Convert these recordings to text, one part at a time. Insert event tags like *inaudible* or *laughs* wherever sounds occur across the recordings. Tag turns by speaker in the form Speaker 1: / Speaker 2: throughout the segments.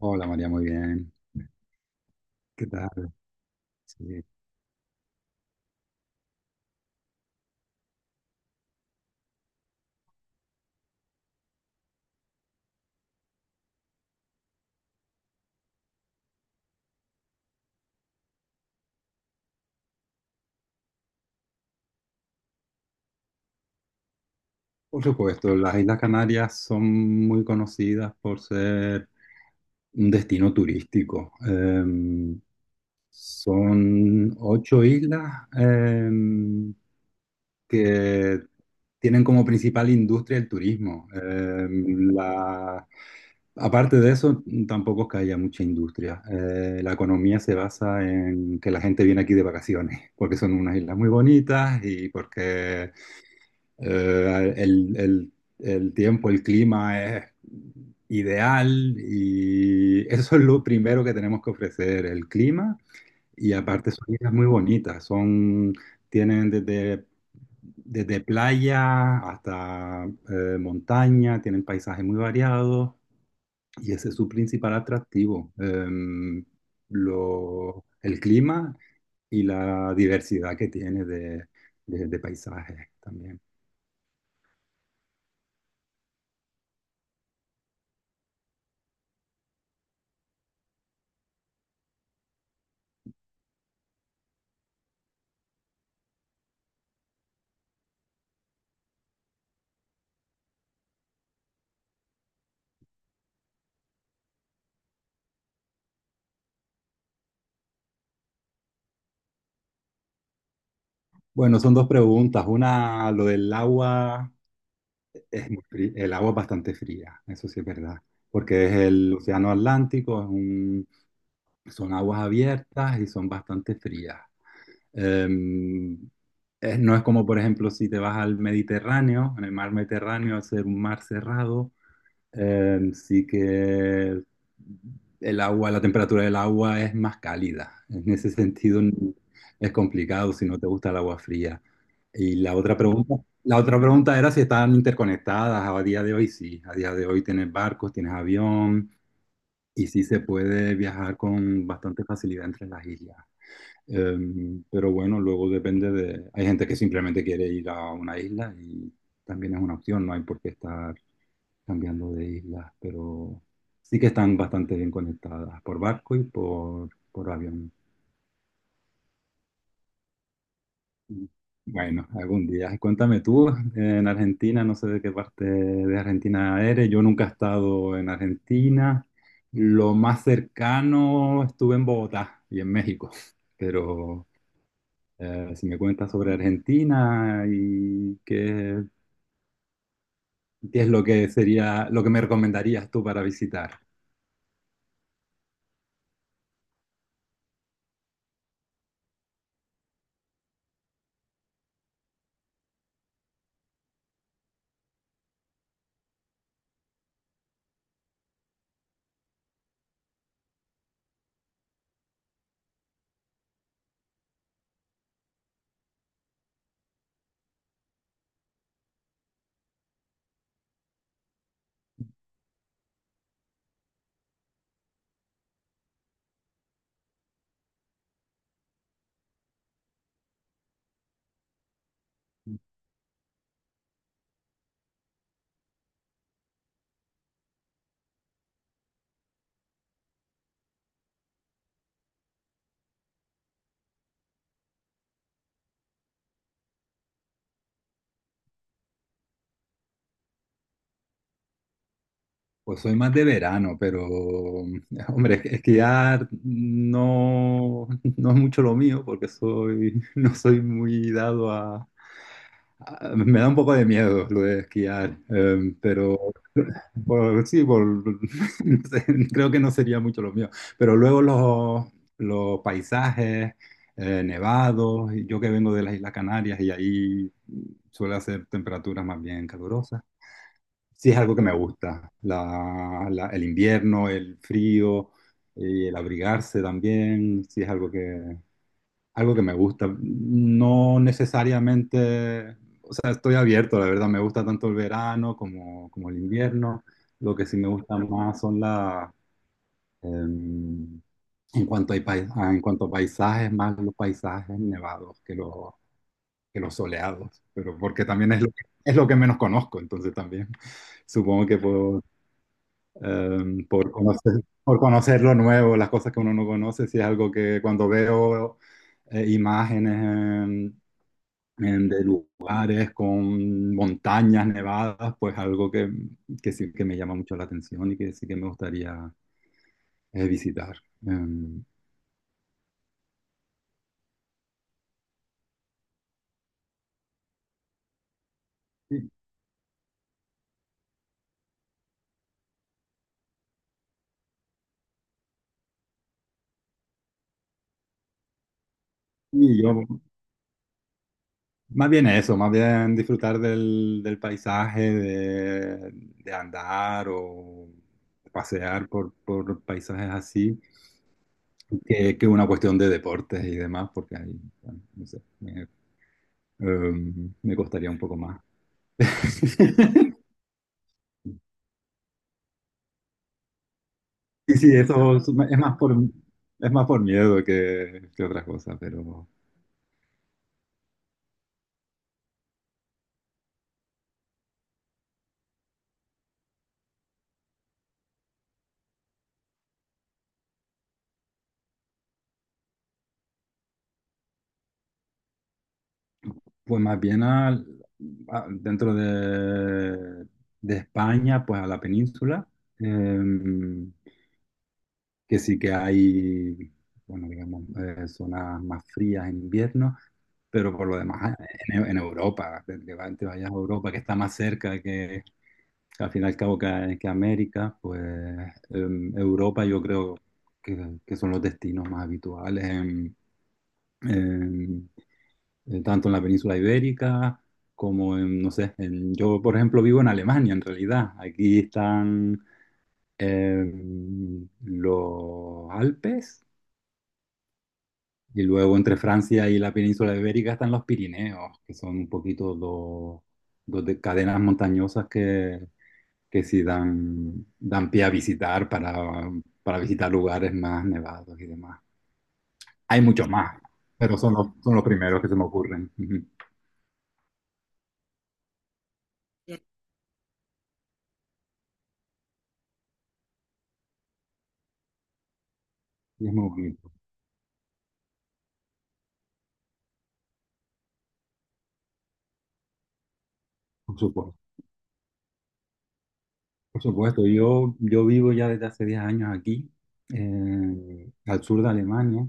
Speaker 1: Hola María, muy bien. ¿Qué tal? Sí. Por supuesto, las Islas Canarias son muy conocidas por ser un destino turístico. Son ocho islas que tienen como principal industria el turismo. Aparte de eso, tampoco es que haya mucha industria. La economía se basa en que la gente viene aquí de vacaciones, *laughs* porque son unas islas muy bonitas y porque eh, el, el- el tiempo, el clima es ideal y eso es lo primero que tenemos que ofrecer, el clima. Y aparte son islas muy bonitas, son tienen desde playa hasta montaña, tienen paisajes muy variados y ese es su principal atractivo. El clima y la diversidad que tiene de paisajes también. Bueno, son dos preguntas. Una, lo del agua, es muy el agua es bastante fría, eso sí es verdad, porque es el océano Atlántico, son aguas abiertas y son bastante frías. Em, no es como, por ejemplo, si te vas al Mediterráneo, en el mar Mediterráneo, al ser un mar cerrado, sí que el agua, la temperatura del agua es más cálida. En ese sentido *laughs* es complicado si no te gusta el agua fría. Y la otra pregunta era si están interconectadas. A día de hoy sí, a día de hoy tienes barcos, tienes avión y sí se puede viajar con bastante facilidad entre las islas. Eh, pero bueno, luego depende de. Hay gente que simplemente quiere ir a una isla y también es una opción, no hay por qué estar cambiando de islas, pero sí que están bastante bien conectadas por barco y por avión. Bueno, algún día. Cuéntame tú, en Argentina, no sé de qué parte de Argentina eres, yo nunca he estado en Argentina. Lo más cercano estuve en Bogotá y en México, pero si me cuentas sobre Argentina qué es lo que sería, lo que me recomendarías tú para visitar. Pues soy más de verano, pero *laughs* hombre, es que ya no, no es mucho lo mío porque soy, *laughs* no soy muy dado me da un poco de miedo lo de esquiar, pero por- sí, por- *laughs* no sé, creo que no sería mucho lo mío. Pero luego los paisajes nevados, y yo que vengo de las Islas Canarias y ahí suele hacer temperaturas más bien calurosas. Sí, es algo que me gusta. El invierno, el frío, y el abrigarse también, sí es algo algo que me gusta. No necesariamente, o sea, estoy abierto, la verdad, me gusta tanto el verano como el invierno. Lo que sí me gusta más em, en cuanto en cuanto a paisajes, más los paisajes nevados que que los soleados, pero porque también es lo que menos conozco, entonces también. Supongo que puedo por por conocer lo nuevo, las cosas que uno no conoce, si es algo que cuando veo imágenes de lugares con montañas nevadas, pues algo que sí que me llama mucho la atención y que sí que me gustaría visitar. Em, y, y yo, más bien eso, más bien disfrutar del paisaje, de andar o pasear por paisajes así, que una cuestión de deportes y demás, porque ahí, bueno, no sé, me costaría un poco más. *laughs* Y sí, eso es más por miedo que otra cosa, pero pues más bien dentro de España, pues a la península. Eh, que sí que hay, bueno, digamos, zonas más frías en invierno, pero por lo demás, en Europa, te vayas a Europa, que está más cerca que al fin y al cabo que América, pues Europa yo creo que son los destinos más habituales en- tanto en la península ibérica como, no sé, yo por ejemplo vivo en Alemania en realidad. Aquí están los Alpes y luego entre Francia y la península ibérica están los Pirineos, que son un poquito dos cadenas montañosas que sí dan pie a visitar para visitar lugares más nevados y demás. Hay muchos más, pero son los primeros que se me ocurren. Ujú. Y es muy bonito, por supuesto. Por supuesto, yo vivo ya desde hace 10 años aquí, al sur de Alemania,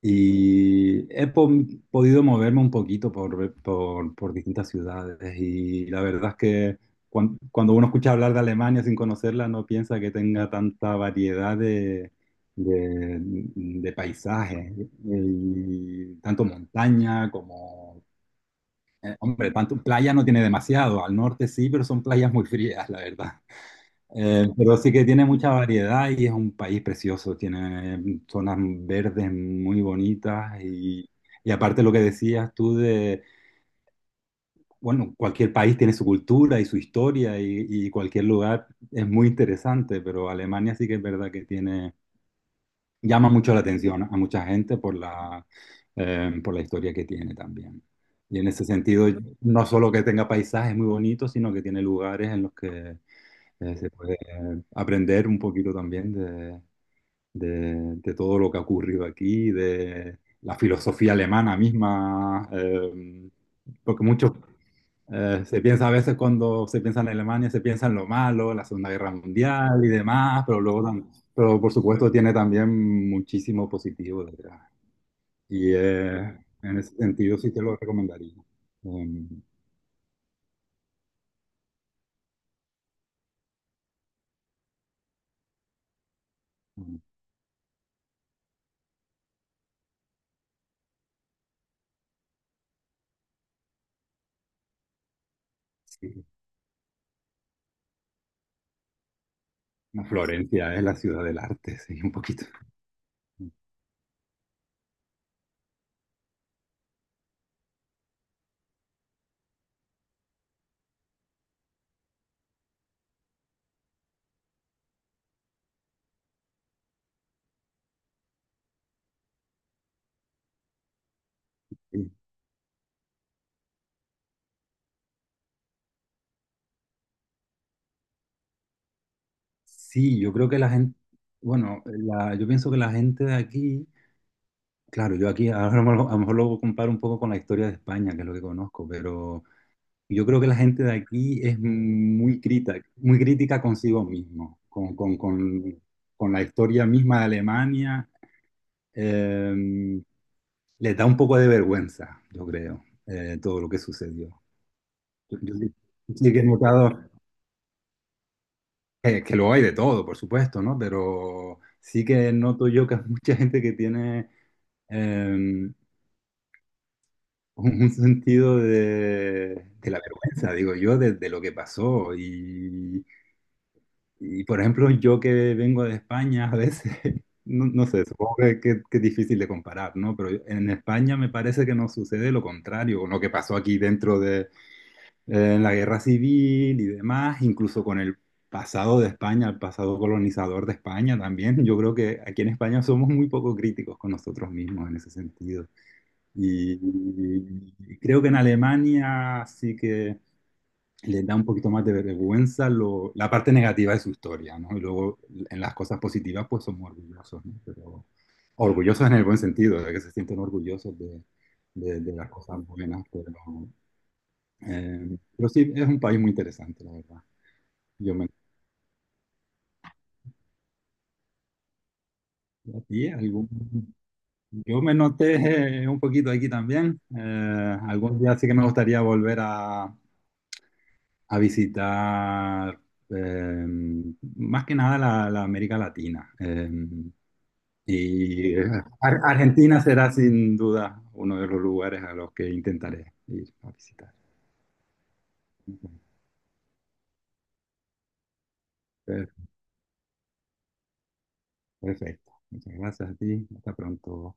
Speaker 1: y he podido moverme un poquito por distintas ciudades y la verdad es que cuando uno escucha hablar de Alemania sin conocerla no piensa que tenga tanta variedad de paisajes, y tanto montaña como hombre, tanto, playa no tiene demasiado, al norte sí, pero son playas muy frías, la verdad. Pero sí que tiene mucha variedad y es un país precioso, tiene zonas verdes muy bonitas y aparte lo que decías tú de, bueno, cualquier país tiene su cultura y su historia y cualquier lugar es muy interesante, pero Alemania sí que es verdad que tiene llama mucho la atención a mucha gente por la historia que tiene también. Y en ese sentido, no solo que tenga paisajes muy bonitos, sino que tiene lugares en los que se puede aprender un poquito también de todo lo que ha ocurrido aquí, de la filosofía alemana misma, porque muchos se piensa a veces cuando se piensa en Alemania, se piensa en lo malo, en la Segunda Guerra Mundial y demás, pero luego pero por supuesto tiene también muchísimo positivo detrás. Y en ese sentido sí te lo recomendaría. Em, em, sí. Florencia es la ciudad del arte, sí, un poquito. Sí. Sí, yo creo que la gente, bueno, yo pienso que la gente de aquí, claro, yo aquí ahora a lo mejor lo comparo un poco con la historia de España, que es lo que conozco, pero yo creo que la gente de aquí es muy crítica consigo mismo, con la historia misma de Alemania, eh, les da un poco de vergüenza, yo creo, todo lo que sucedió. Yo sí que he notado, que lo hay de todo, por supuesto, ¿no? Pero sí que noto yo que hay mucha gente que tiene eh, un un sentido de la vergüenza, digo yo, de lo que pasó. Y, por ejemplo, yo que vengo de España a veces, *laughs* no, no sé, supongo que es difícil de comparar, ¿no? Pero en España me parece que nos sucede lo contrario, con lo que pasó aquí dentro en la guerra civil y demás, incluso con el pasado de España, el pasado colonizador de España también. Yo creo que aquí en España somos muy poco críticos con nosotros mismos en ese sentido. Y, y creo que en Alemania sí que le da un poquito más de vergüenza la parte negativa de su historia, ¿no? Y luego en las cosas positivas pues somos orgullosos, ¿no? Pero orgullosos en el buen sentido, de que se sienten orgullosos de las cosas buenas, pero sí, es un país muy interesante, la verdad. Yo me, ¿a ti algún- Yo me noté *laughs* un poquito aquí también. Algún día sí que me gustaría volver a visitar eh, más que nada la América Latina. Y eh, Argentina será sin duda uno de los lugares a los que intentaré ir a visitar. Bueno, Per- perfecto. Muchas gracias a ti. Hasta pronto.